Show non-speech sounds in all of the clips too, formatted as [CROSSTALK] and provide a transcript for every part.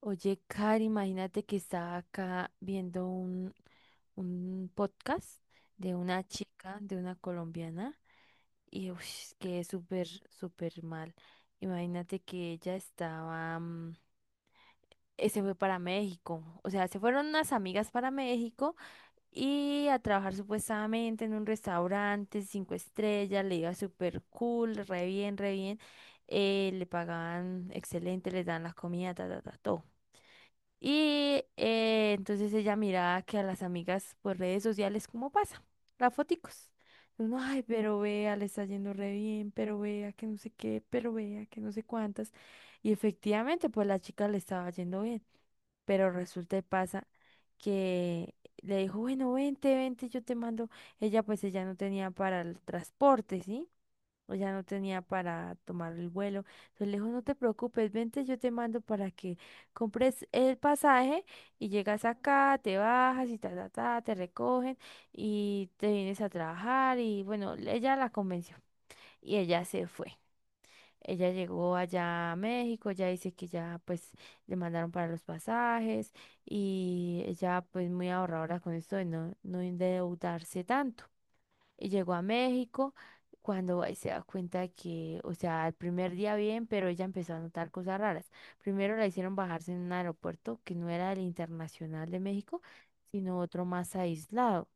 Oye, Cari, imagínate que estaba acá viendo un podcast de una chica, de una colombiana, y ush, quedé súper, súper mal. Imagínate que ella estaba, se fue para México, o sea, se fueron unas amigas para México y a trabajar supuestamente en un restaurante 5 estrellas, le iba súper cool, re bien, le pagaban excelente, les dan las comidas, ta, ta, ta, todo. Y entonces ella miraba que a las amigas por redes sociales, ¿cómo pasa? Las foticos. Uno, ay, pero vea, le está yendo re bien, pero vea que no sé qué, pero vea que no sé cuántas. Y efectivamente, pues la chica le estaba yendo bien. Pero resulta y pasa que le dijo, bueno, vente, vente, yo te mando. Ella, pues ella no tenía para el transporte, ¿sí? O sea, no tenía para tomar el vuelo. Entonces le dijo, no te preocupes, vente, yo te mando para que compres el pasaje y llegas acá, te bajas y ta, ta, ta, te recogen y te vienes a trabajar. Y bueno, ella la convenció y ella se fue. Ella llegó allá a México, ya dice que ya pues le mandaron para los pasajes y ella pues muy ahorradora con esto de no, no endeudarse tanto. Y llegó a México cuando ahí se da cuenta de que, o sea, el primer día bien, pero ella empezó a notar cosas raras. Primero la hicieron bajarse en un aeropuerto que no era el internacional de México, sino otro más aislado.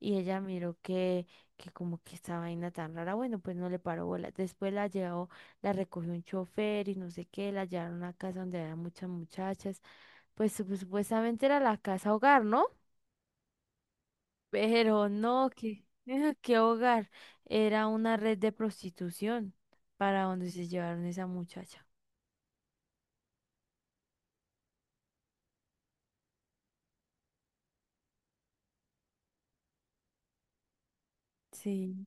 Y ella miró que como que esta vaina tan rara, bueno, pues no le paró bola. Después la llevó, la recogió un chofer y no sé qué, la llevaron a una casa donde había muchas muchachas. Pues supuestamente era la casa hogar, ¿no? Pero no, que, [LAUGHS] qué hogar. Era una red de prostitución para donde se llevaron esa muchacha. Sí.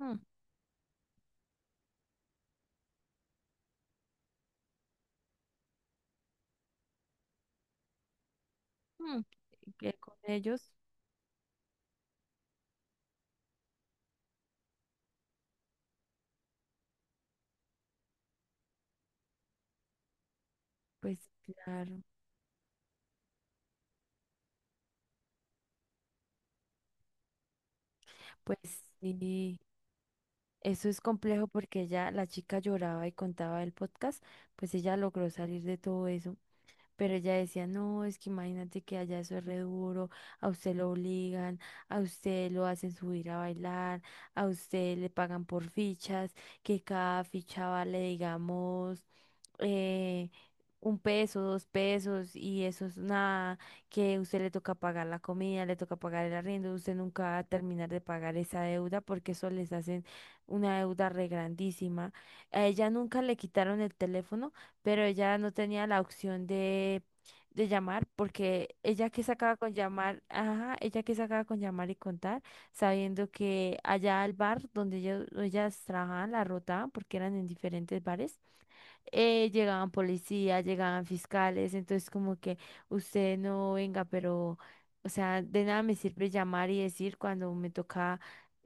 Mm, mm. Que con ellos, pues claro, pues sí. Eso es complejo porque ella, la chica lloraba y contaba el podcast, pues ella logró salir de todo eso. Pero ella decía, no, es que imagínate que allá eso es re duro, a usted lo obligan, a usted lo hacen subir a bailar, a usted le pagan por fichas, que cada ficha vale, digamos, eh, 1 peso, 2 pesos, y eso es nada, que usted le toca pagar la comida, le toca pagar el arriendo, usted nunca va a terminar de pagar esa deuda porque eso les hacen una deuda re grandísima. A ella nunca le quitaron el teléfono pero ella no tenía la opción de, llamar porque ella que sacaba con llamar, ajá, ella que sacaba con llamar y contar, sabiendo que allá al bar donde ellos, ellas trabajaban, la rotaban porque eran en diferentes bares, llegaban policías, llegaban fiscales, entonces como que usted no venga, pero... O sea, de nada me sirve llamar y decir cuando me toca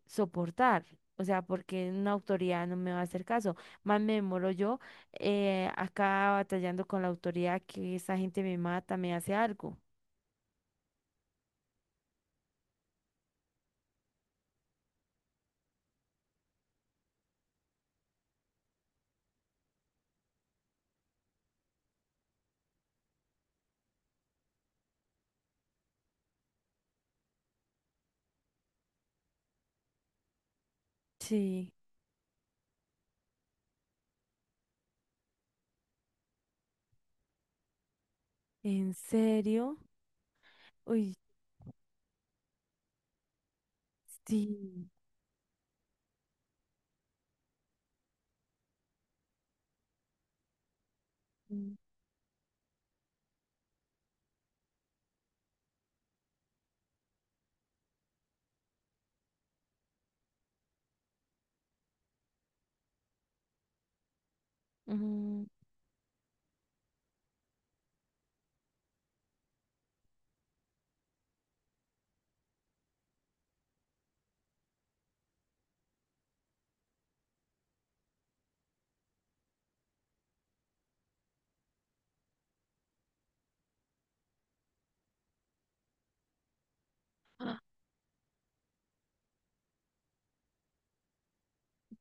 soportar. O sea, porque una autoridad no me va a hacer caso. Más me demoro yo acá batallando con la autoridad que esa gente me mata, me hace algo. Sí, ¿en serio? Uy, sí. Mm, ¿en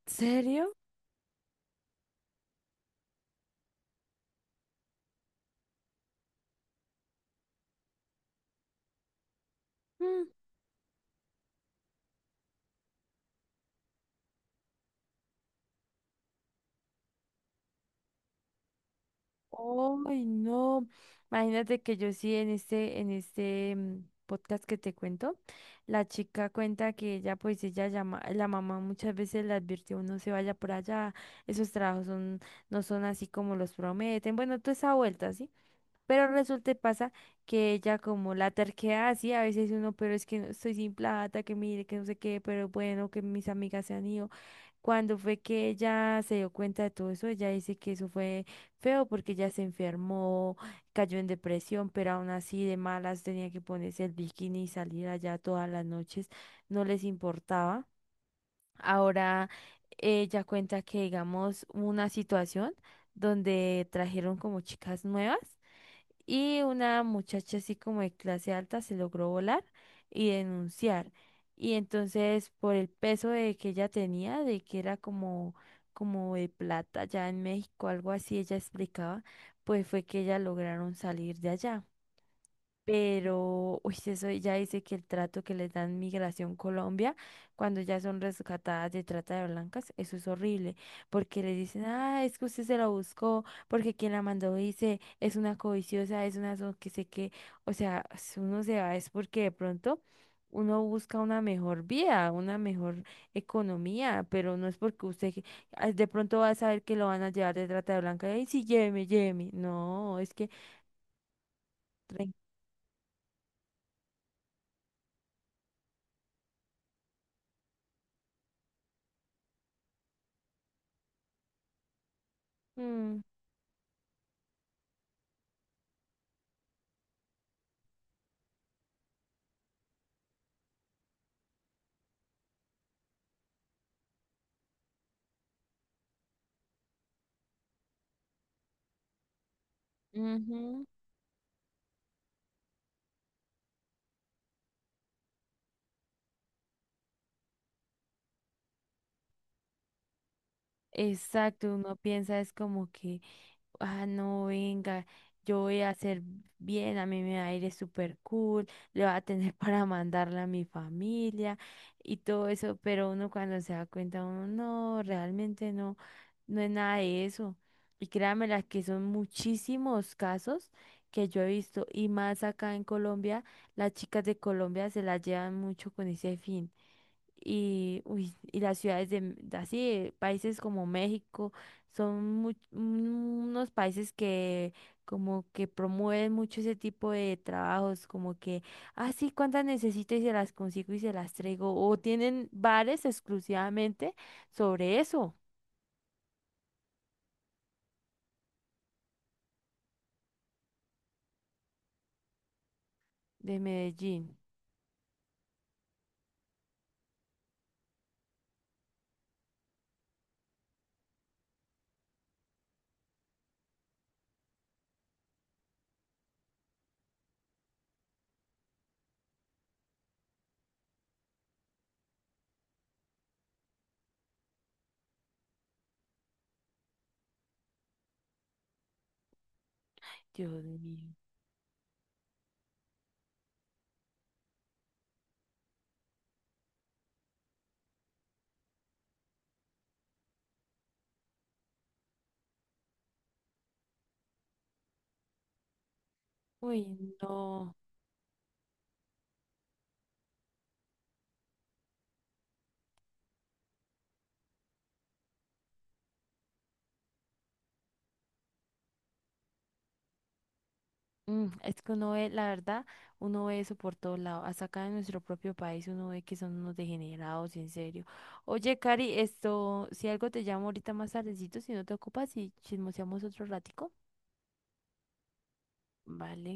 serio? Ay, no. Imagínate que yo sí en este podcast que te cuento, la chica cuenta que ella, pues ella llama, la mamá muchas veces le advirtió, no se vaya por allá, esos trabajos son, no son así como los prometen. Bueno, toda esa vuelta, ¿sí? Pero resulta y pasa que ella como la terquedad así, a veces uno, pero es que estoy sin plata, que mire, que no sé qué, pero bueno, que mis amigas se han ido. Cuando fue que ella se dio cuenta de todo eso, ella dice que eso fue feo porque ella se enfermó, cayó en depresión, pero aún así de malas tenía que ponerse el bikini y salir allá todas las noches, no les importaba. Ahora ella cuenta que digamos una situación donde trajeron como chicas nuevas y una muchacha así como de clase alta se logró volar y denunciar. Y entonces por el peso de que ella tenía, de que era como, como de plata ya en México, algo así, ella explicaba, pues fue que ellas lograron salir de allá. Pero, uy, sí, eso ya dice que el trato que les dan Migración Colombia cuando ya son rescatadas de trata de blancas, eso es horrible, porque les dicen, ah, es que usted se la buscó, porque quien la mandó dice, es una codiciosa, es una que sé qué, o sea, si uno se va es porque de pronto uno busca una mejor vida, una mejor economía, pero no es porque usted ah, de pronto va a saber que lo van a llevar de trata de blancas, y sí, lléveme, lléveme, no, es que... re- Mm, ujú. Exacto, uno piensa es como que, ah, no, venga, yo voy a hacer bien, a mí me va a ir súper cool, [LAUGHS] le va a tener para mandarle a mi familia y todo eso, pero uno cuando se da cuenta, uno no, realmente no, no es nada de eso. Y créanme las que son muchísimos casos que yo he visto, y más acá en Colombia, las chicas de Colombia se las llevan mucho con ese fin y, uy, y las ciudades de, así, países como México, son unos países que como que promueven mucho ese tipo de trabajos, como que, ah, sí, cuántas necesito y se las consigo y se las traigo, o tienen bares exclusivamente sobre eso de Medellín. Dios mío. Uy, no. Mm, es que uno ve, la verdad, uno ve eso por todos lados. Hasta acá en nuestro propio país uno ve que son unos degenerados, en serio. Oye, Cari, esto, si algo te llamo ahorita más tardecito, si no te ocupas y chismoseamos otro ratico. Vale.